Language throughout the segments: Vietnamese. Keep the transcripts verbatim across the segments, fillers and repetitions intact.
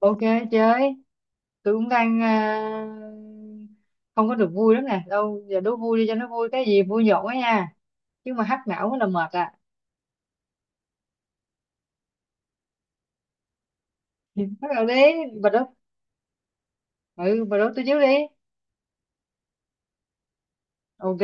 Ok, chơi. Tôi cũng đang à, không có được vui lắm nè. Đâu giờ đố vui đi cho nó vui, cái gì vui nhộn á nha, chứ mà hack não là mệt à. Bắt đầu đi. Bà đố, ừ bà đố tôi trước đi. Ok.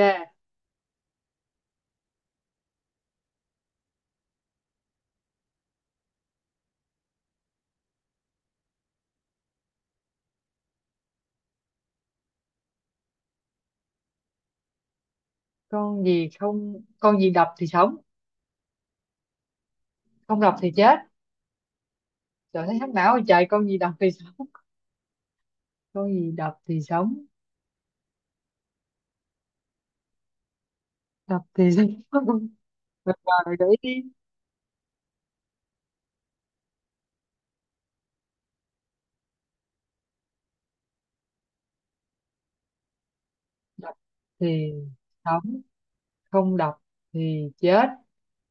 Con gì, không, con gì đập thì sống không đập thì chết? Trời, thấy hack não rồi trời. Con gì đập thì sống? Con gì đập thì sống? Đập thì sống. Rồi, rồi để ý đi. Đập thì sống, không đập thì chết.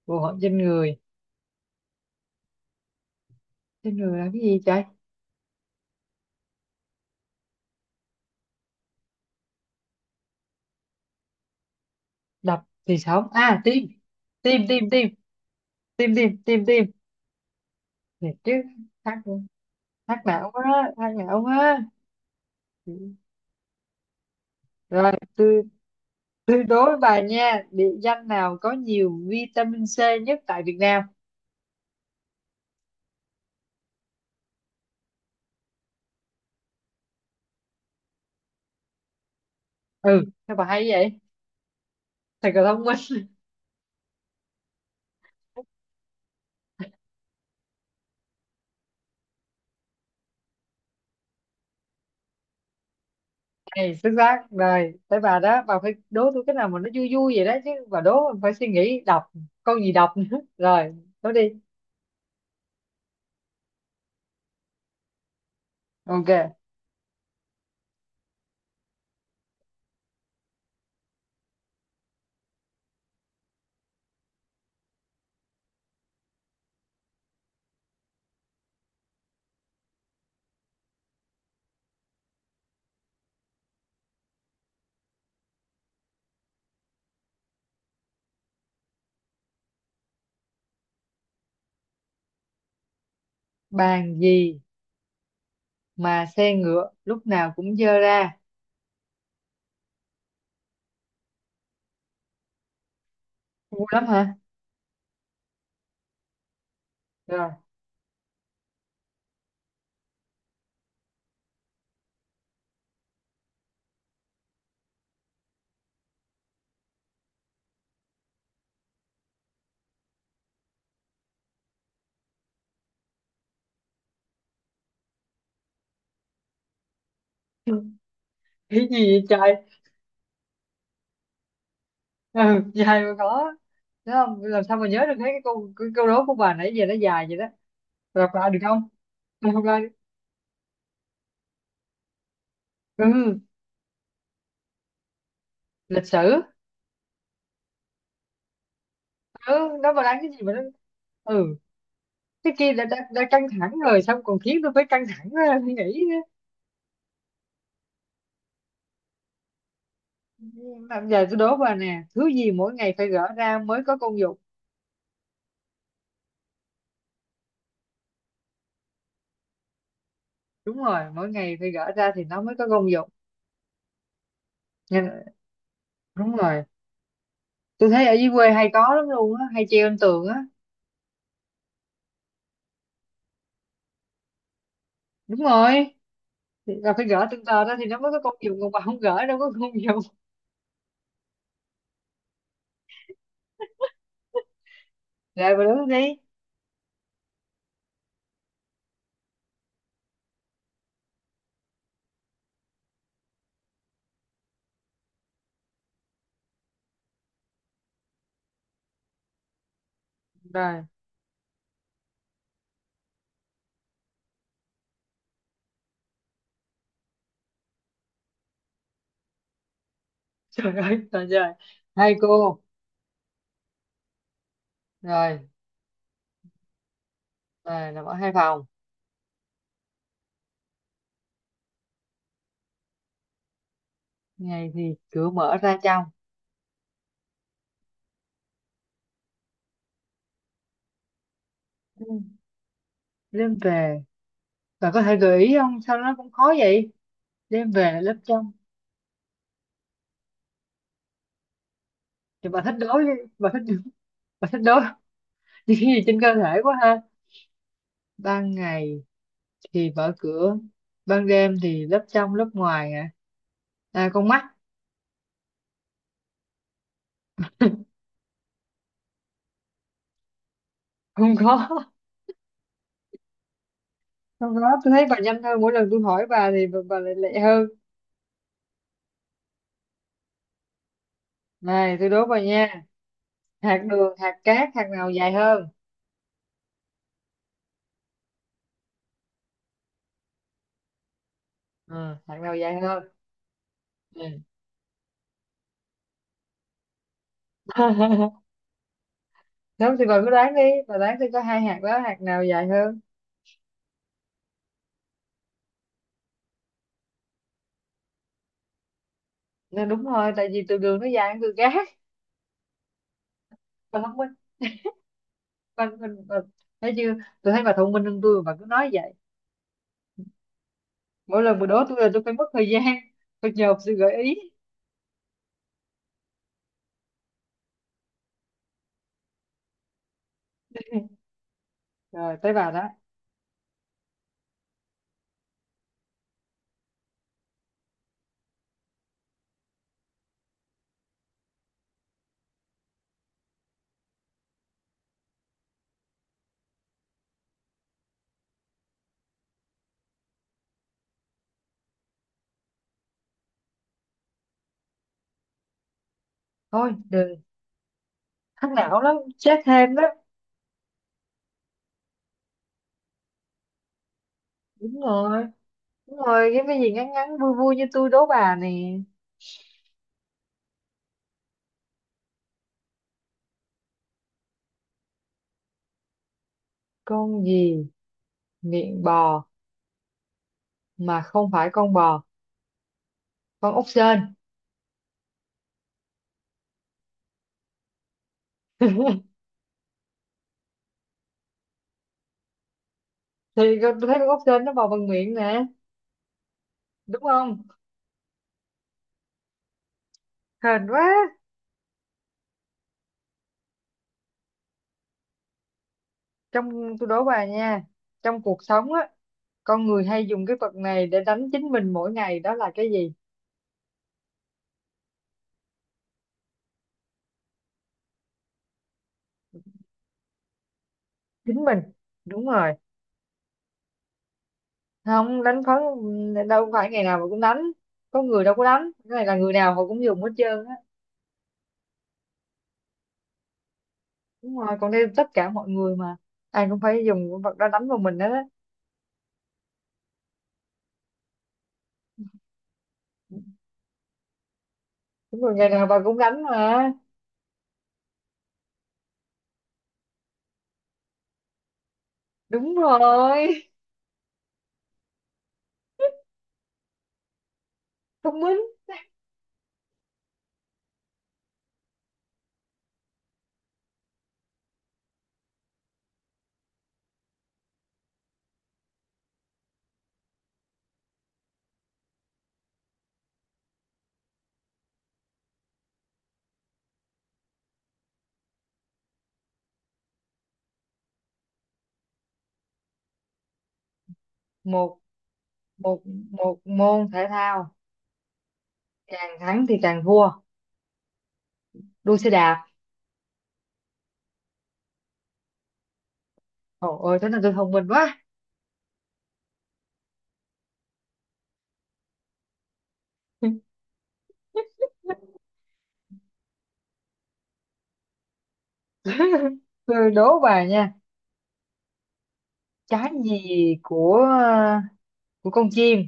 Bộ phận trên người, trên người là cái gì trời? Đập thì sống, à tim. Tim tim tim. Tim tim tim tim. Thiệt chứ? Hát, hát não quá, hát não quá. Rồi tôi tôi đố bà nha, địa danh nào có nhiều vi ta min xê nhất tại Việt Nam? Ừ sao bà hay vậy, thật là thông minh. Này xuất sắc. Rồi tới bà đó, bà phải đố tôi cái nào mà nó vui vui vậy đó, chứ bà đố mình phải suy nghĩ đọc, con gì đọc nữa. Rồi, đố đi. Ok. Bàn gì mà xe ngựa lúc nào cũng dơ ra? Ngu lắm hả? Rồi. Cái gì vậy trời? Ừ, dài mà có. Đúng không, làm sao mà nhớ được? Thấy cái câu, cái câu đố của bà nãy giờ nó dài vậy đó. Lặp lại được không? Đọc lại đi. Ừ, lịch sử. Ừ nó mà đang cái gì mà nó, ừ, cái kia đã, đã, đã căng thẳng rồi, xong còn khiến tôi phải căng thẳng ra suy nghĩ nữa. Làm giờ tôi đố bà nè, thứ gì mỗi ngày phải gỡ ra mới có công dụng? Đúng rồi, mỗi ngày phải gỡ ra thì nó mới có công dụng. Nên- đúng rồi, tôi thấy ở dưới quê hay có lắm luôn á, hay treo trên tường á. Đúng rồi, thì là phải gỡ từng tờ ra thì nó mới có công dụng, còn bà không gỡ đâu có công dụng. Rồi bà đứng đi. Rồi, trời ơi trời trời. Hai cô. Rồi, rồi nằm ở hai phòng, ngày thì cửa mở ra trong. Ừ. Đêm về, bà có thể gợi ý không, sao nó cũng khó vậy? Đêm về lớp trong. Thì bà thích đối với- bà thích, bà thích đối những cái gì trên cơ thể quá ha. Ban ngày thì mở cửa, ban đêm thì lớp trong lớp ngoài, à, à con mắt. Không có. Sau đó tôi thấy bà nhanh hơn, mỗi lần tôi hỏi bà thì bà, bà lại lẹ hơn. Này tôi đố bà nha. Hạt đường, hạt cát, hạt nào dài hơn? Ừ, hạt nào dài hơn? Ừ. Đúng thì bà cứ đoán đi. Bà đoán tôi có hai hạt đó, hạt nào dài hơn? Nên đúng thôi, tại vì từ đường nó dài hơn từ cát. Bà thông minh. Bà, bà, bà, thấy chưa? Tôi thấy bà thông minh hơn tôi mà bà cứ nói vậy. Mỗi lần bà đố tôi là tôi phải mất thời gian. Phải nhờ sự gợi ý. Rồi tới bà đó. Thôi đừng. Thắc não lắm. Chết thêm đó. Đúng rồi. Đúng rồi, cái cái gì ngắn ngắn vui vui như tôi đố bà nè. Con gì miệng bò mà không phải con bò? Con ốc sên. Thì con tôi thấy con ốc sên nó bò bằng miệng nè, đúng không? Hên quá. Trong, tôi đố bà nha, trong cuộc sống á, con người hay dùng cái vật này để đánh chính mình mỗi ngày, đó là cái gì? Chính mình. Đúng rồi. Không đánh phấn đâu, phải ngày nào mà cũng đánh. Có người đâu có đánh. Cái này là người nào họ cũng dùng hết trơn á. Đúng rồi, còn đây tất cả mọi người mà, ai cũng phải dùng con vật đó đánh vào mình đó. Đúng rồi, ngày nào bà cũng đánh mà. Đúng rồi. Thông minh. Một một một môn thể thao càng thắng thì càng thua. Đua xe đạp. Trời ơi, thế là tôi thông minh quá. Tôi đố bà nha, trái gì của của con chim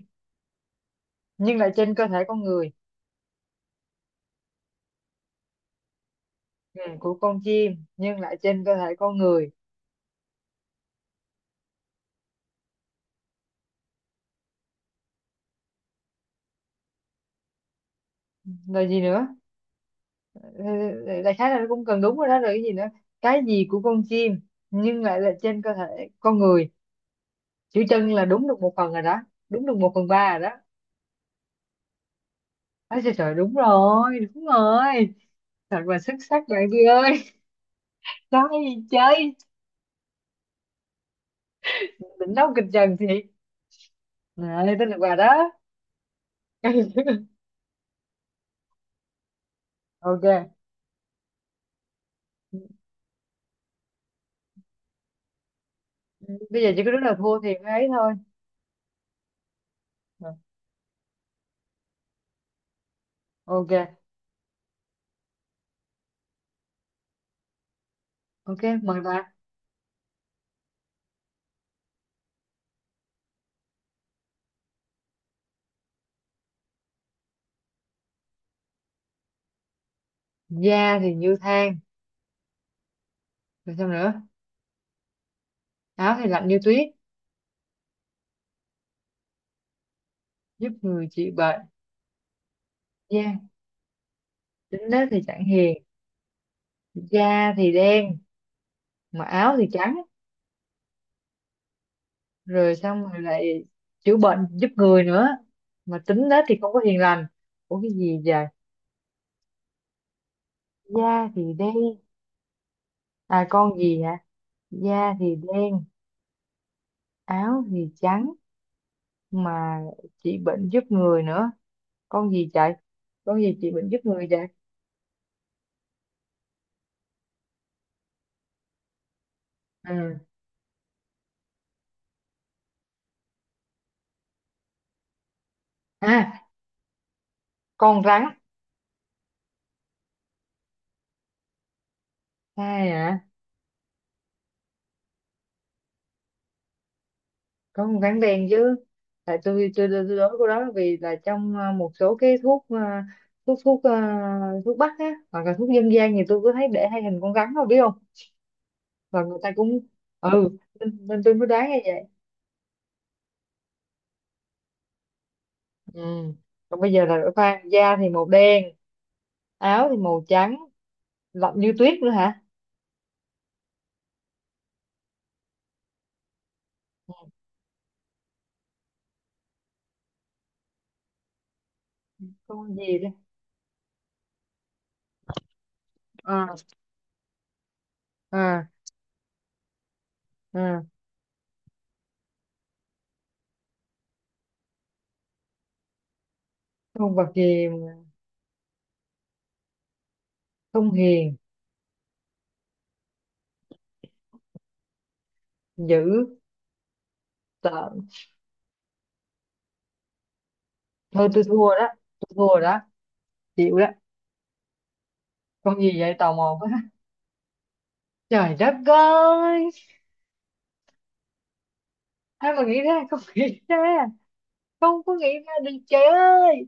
nhưng lại trên cơ thể con người? Ừ, của con chim nhưng lại trên cơ thể con người, là gì nữa? Ừ, đại khái là nó cũng cần, đúng rồi đó, rồi cái gì nữa? Cái gì của con chim nhưng lại là trên cơ thể con người? Chữ chân là đúng được một phần rồi đó. Đúng được một phần ba rồi đó. Nói trời trời, đúng rồi đúng rồi. Thật là xuất sắc bạn chị ơi. Nói gì chơi. Định nấu kịch trần thì. Này tên là bà đó. Ok. Bây giờ chỉ có đúng là thua thì mới ấy thôi. Rồi, ok. Ok mời bà. Da thì như than. Rồi sao nữa? Áo thì lạnh như tuyết. Giúp người trị bệnh. Da, tính nết thì chẳng hiền. Da thì đen mà áo thì trắng. Rồi xong rồi lại chữa bệnh giúp người nữa, mà tính đó thì không có hiền lành. Ủa cái gì vậy? Da thì đen. À, con gì hả? Da thì đen, áo thì trắng, mà trị bệnh giúp người nữa. Con gì chạy? Con gì trị bệnh giúp người vậy? À, à con rắn. Ai hả? Có một tháng đen chứ. Tại tôi tôi tôi tôi nói cô đó vì là trong ờ, một số cái thuốc, ờ, thuốc thuốc ờ, thuốc bắc á, hoặc là thuốc dân gian thì tôi có thấy để hai hình con rắn, đâu biết không? Và người ta cũng, ừ, nên, nên tôi mới đoán như vậy. Ừ, còn bây giờ là đổi pha, da thì màu đen, áo thì màu trắng, lạnh như tuyết nữa hả? Con gì đó? À, à, à. Con vật gì mà không hiền? Dữ tợn. Thôi tôi thua đó, tôi thua đó, chịu đó. Con gì vậy, tò mò quá? Trời đất ơi, ai mà nghĩ ra, không nghĩ ra, không có nghĩ ra được trời ơi.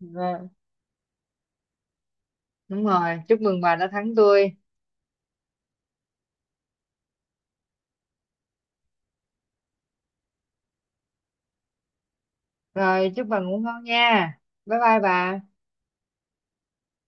Rồi, đúng rồi, chúc mừng bà đã thắng tôi. Rồi, chúc bà ngủ ngon nha. Bye bye bà.